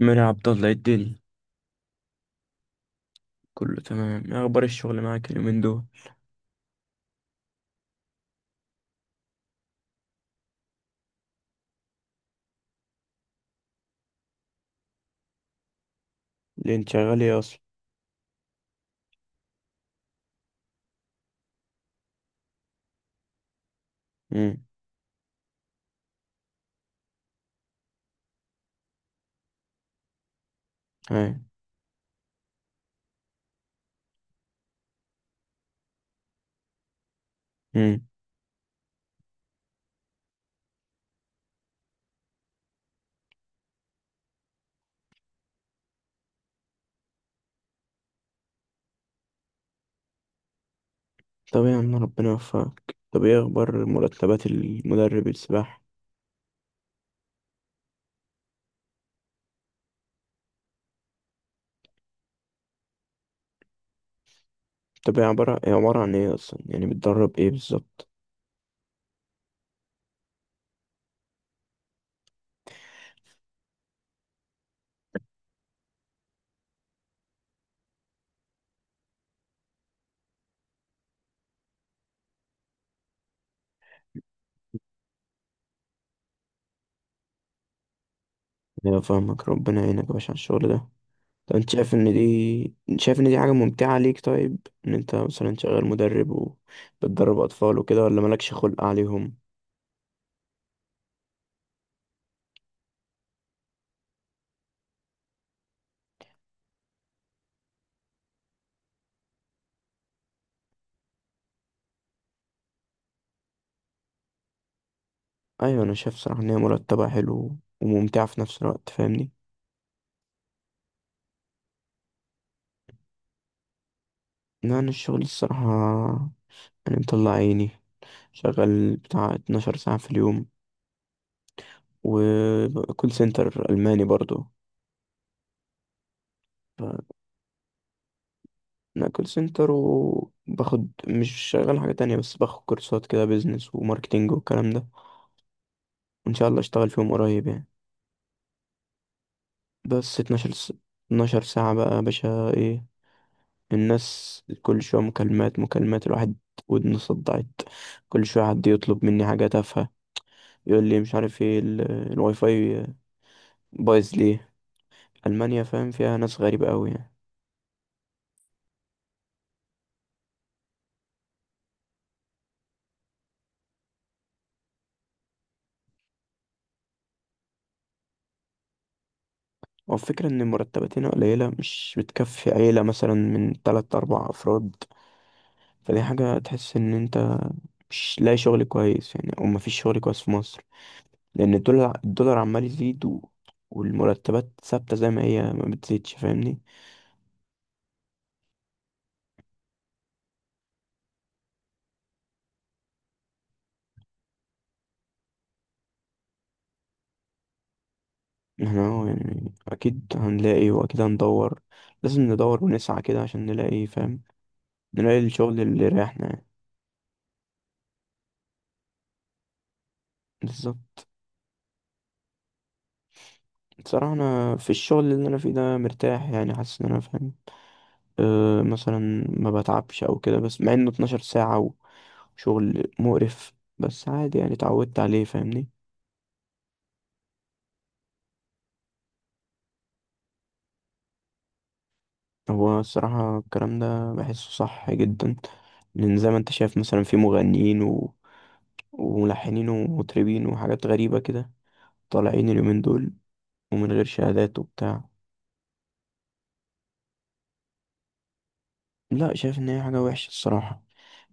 مين يا عبد الله؟ إيه الدنيا؟ كله تمام. ايه اخبار الشغل معاك اليومين دول؟ اللي انت شغال ايه اصلا؟ امم. هاي. امم. طب يا عم، ربنا يوفقك. طب ايه اخبار مرتبات المدرب السباحة؟ طب، هي عبارة عن ايه اصلا؟ يعني بتدرب ايه بالظبط؟ ايوه، فاهمك. ربنا يعينك يا باشا على الشغل ده. طب انت شايف ان دي حاجة ممتعة ليك؟ طيب، ان انت مثلا شغال مدرب، وبتدرب اطفال وكده، ولا مالكش خلق عليهم؟ ايوه، انا شايف صراحة ان هي مرتبة حلو وممتعة في نفس الوقت، فاهمني؟ لا، أنا الشغل الصراحة يعني مطلع عيني. شغال بتاع 12 ساعة في اليوم، وكول سنتر ألماني برضو. ف- أنا كول سنتر، وباخد مش شغال حاجة تانية، بس باخد كورسات كده بيزنس وماركتينج والكلام ده. وإن شاء الله أشتغل فيهم قريب يعني. بس 12 ساعة بقى يا باشا. إيه الناس، كل شوية مكالمات مكالمات، الواحد ودنه صدعت. كل شوية حد يطلب مني حاجة تافهة، يقول لي مش عارف ايه الواي فاي بايظ ليه. ألمانيا فاهم، فيها ناس غريبة أوي يعني. هو الفكرة إن المرتبات هنا قليلة، مش بتكفي عيلة مثلا من تلات أربع أفراد. فدي حاجة تحس إن أنت مش لاقي شغل كويس يعني، أو مفيش شغل كويس في مصر. لأن الدولار الدولار عمال يزيد والمرتبات ثابتة زي ما هي، ما بتزيدش، فاهمني؟ احنا أهو يعني أكيد هنلاقي وأكيد هندور. لازم ندور ونسعى كده عشان نلاقي، فاهم؟ نلاقي الشغل اللي يريحنا يعني. بالظبط. بصراحة أنا في الشغل اللي أنا فيه ده مرتاح يعني، حاسس إن أنا فاهم. أه مثلا ما بتعبش او كده، بس مع انه 12 ساعة وشغل مقرف، بس عادي يعني، اتعودت عليه، فاهمني؟ هو الصراحة الكلام ده بحسه صح جدا، لان زي ما انت شايف مثلا في مغنيين وملحنين ومطربين وحاجات غريبة كده طالعين اليومين دول، ومن غير شهادات وبتاع. لا، شايف ان هي حاجة وحشة الصراحة.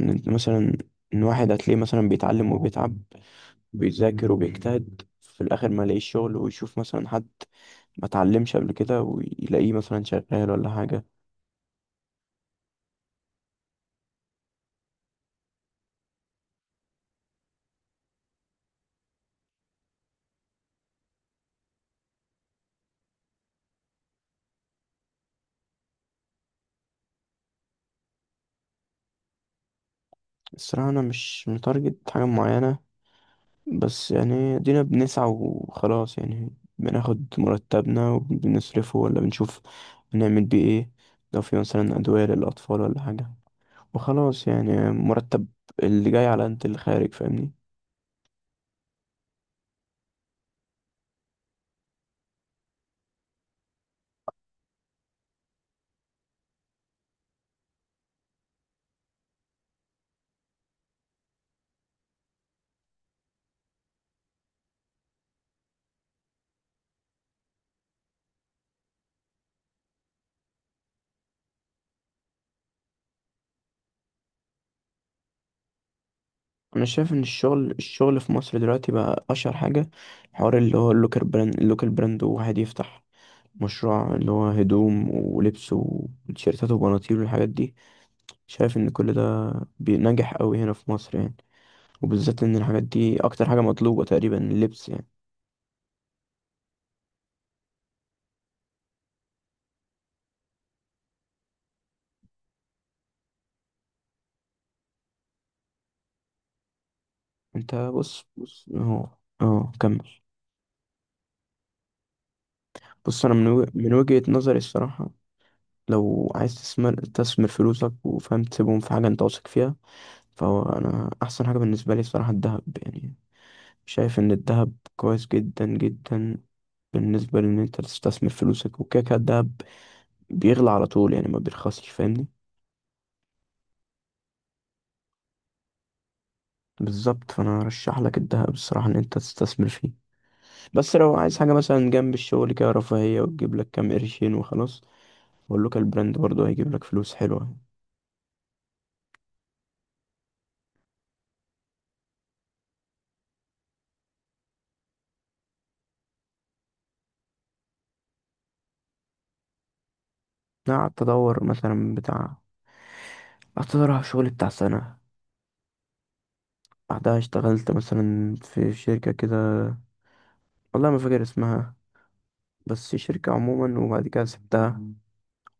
ان انت مثلا، ان واحد هتلاقيه مثلا بيتعلم وبيتعب، بيذاكر وبيجتهد، في الاخر ما يلاقيش شغل، ويشوف مثلا حد ما اتعلمش قبل كده ويلاقيه مثلا شغال ولا حاجة. الصراحة أنا مش متارجت حاجة معينة، بس يعني دينا بنسعى وخلاص يعني. بناخد مرتبنا وبنصرفه، ولا بنشوف بنعمل بيه ايه؟ لو في مثلا أدوية للأطفال ولا حاجة، وخلاص يعني. مرتب اللي جاي على انت اللي خارج، فاهمني؟ أنا شايف إن الشغل الشغل في مصر دلوقتي بقى أشهر حاجة، حوار اللي هو اللوكال براند اللوكال براند، وواحد يفتح مشروع اللي هو هدوم ولبس وتيشيرتات وبناطيل والحاجات دي. شايف ان كل ده بينجح قوي هنا في مصر يعني، وبالذات ان الحاجات دي اكتر حاجة مطلوبة تقريبا، اللبس يعني. انت بص بص اهو. اه، كمل. بص، انا من وجهة نظري الصراحة، لو عايز تستثمر تستثمر فلوسك، وفاهم، تسيبهم في حاجة انت واثق فيها. فهو، انا احسن حاجة بالنسبة لي الصراحة الذهب يعني. شايف ان الذهب كويس جدا جدا. بالنسبة لان انت تستثمر فلوسك، وكده كده الدهب بيغلى على طول يعني، ما بيرخصش، فاهمني؟ بالظبط، فانا ارشح لك الذهب الصراحه ان انت تستثمر فيه. بس لو عايز حاجه مثلا جنب الشغل كده رفاهيه، وتجيب لك كام قرشين وخلاص. واللوكال براند برضه هيجيب لك فلوس حلوه. انا قعدت ادور على شغل بتاع سنه. بعدها اشتغلت مثلا في شركه كده، والله ما فاكر اسمها، بس شركه عموما، وبعد كده سبتها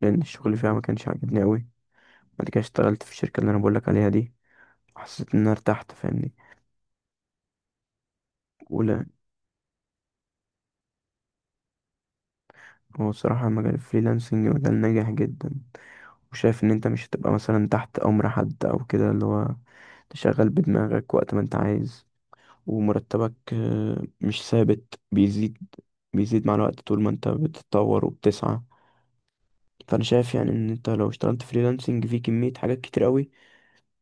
لان الشغل فيها ما كانش عاجبني قوي. بعد كده اشتغلت في الشركه اللي انا بقول لك عليها دي، حسيت ان انا ارتحت، فاهمني؟ هو الصراحة مجال الفريلانسنج مجال ناجح جدا. وشايف ان انت مش هتبقى مثلا تحت امر حد او كده، اللي هو تشغل بدماغك وقت ما انت عايز. ومرتبك مش ثابت، بيزيد بيزيد مع الوقت طول ما انت بتتطور وبتسعى. فانا شايف يعني ان انت لو اشتغلت فريلانسنج في كمية حاجات كتير قوي،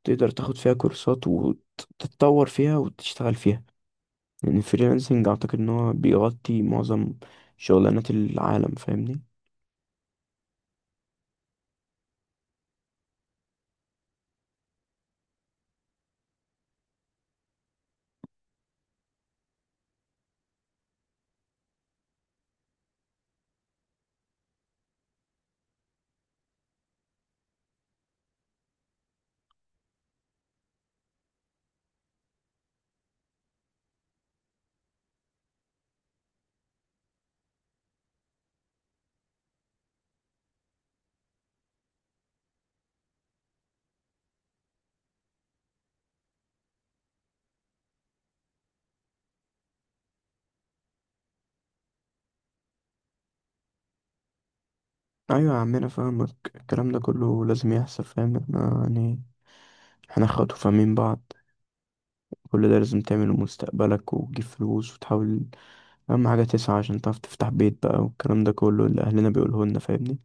تقدر تاخد فيها كورسات وتتطور فيها وتشتغل فيها، لان الفريلانسنج اعتقد ان هو بيغطي معظم شغلانات العالم، فاهمني؟ ايوه يا عمنا فاهمك. الكلام ده كله لازم يحصل، فاهم؟ احنا يعني احنا اخوات وفاهمين بعض. كل ده لازم تعمله مستقبلك، وتجيب فلوس وتحاول. اهم حاجه تسعى عشان تعرف تفتح بيت بقى، والكلام ده كله اللي اهلنا بيقوله لنا، فاهمني؟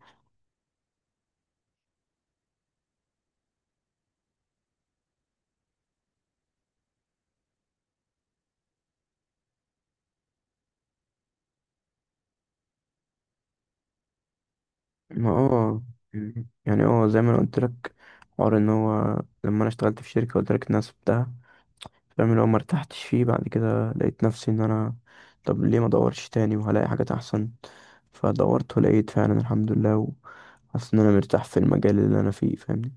ما، يعني زي ما انا قلت لك، حوار ان هو لما انا اشتغلت في شركه قلت لك الناس بتاعها فاهم، اللي هو ما ارتحتش فيه. بعد كده لقيت نفسي ان انا، طب ليه ما ادورش تاني وهلاقي حاجات احسن؟ فدورت ولقيت فعلا الحمد لله، حاسس ان انا مرتاح في المجال اللي انا فيه، فاهمني؟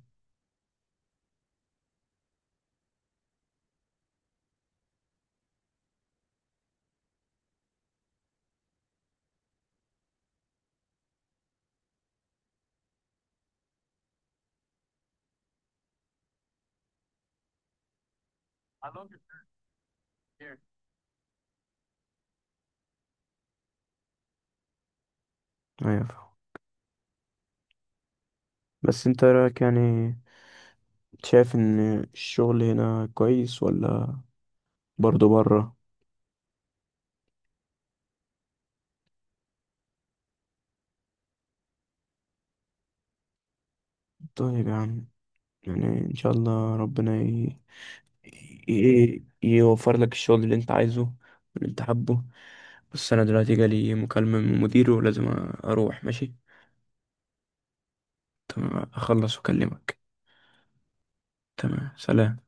ايوه فاهم. بس انت رايك يعني، شايف ان الشغل هنا كويس ولا برضه بره؟ طيب يا عم، يعني ان شاء الله ربنا يوفر لك الشغل اللي انت عايزه واللي انت حابه. بس انا دلوقتي جالي مكالمة من مديره، ولازم اروح. ماشي؟ تمام، اخلص واكلمك. تمام، سلام.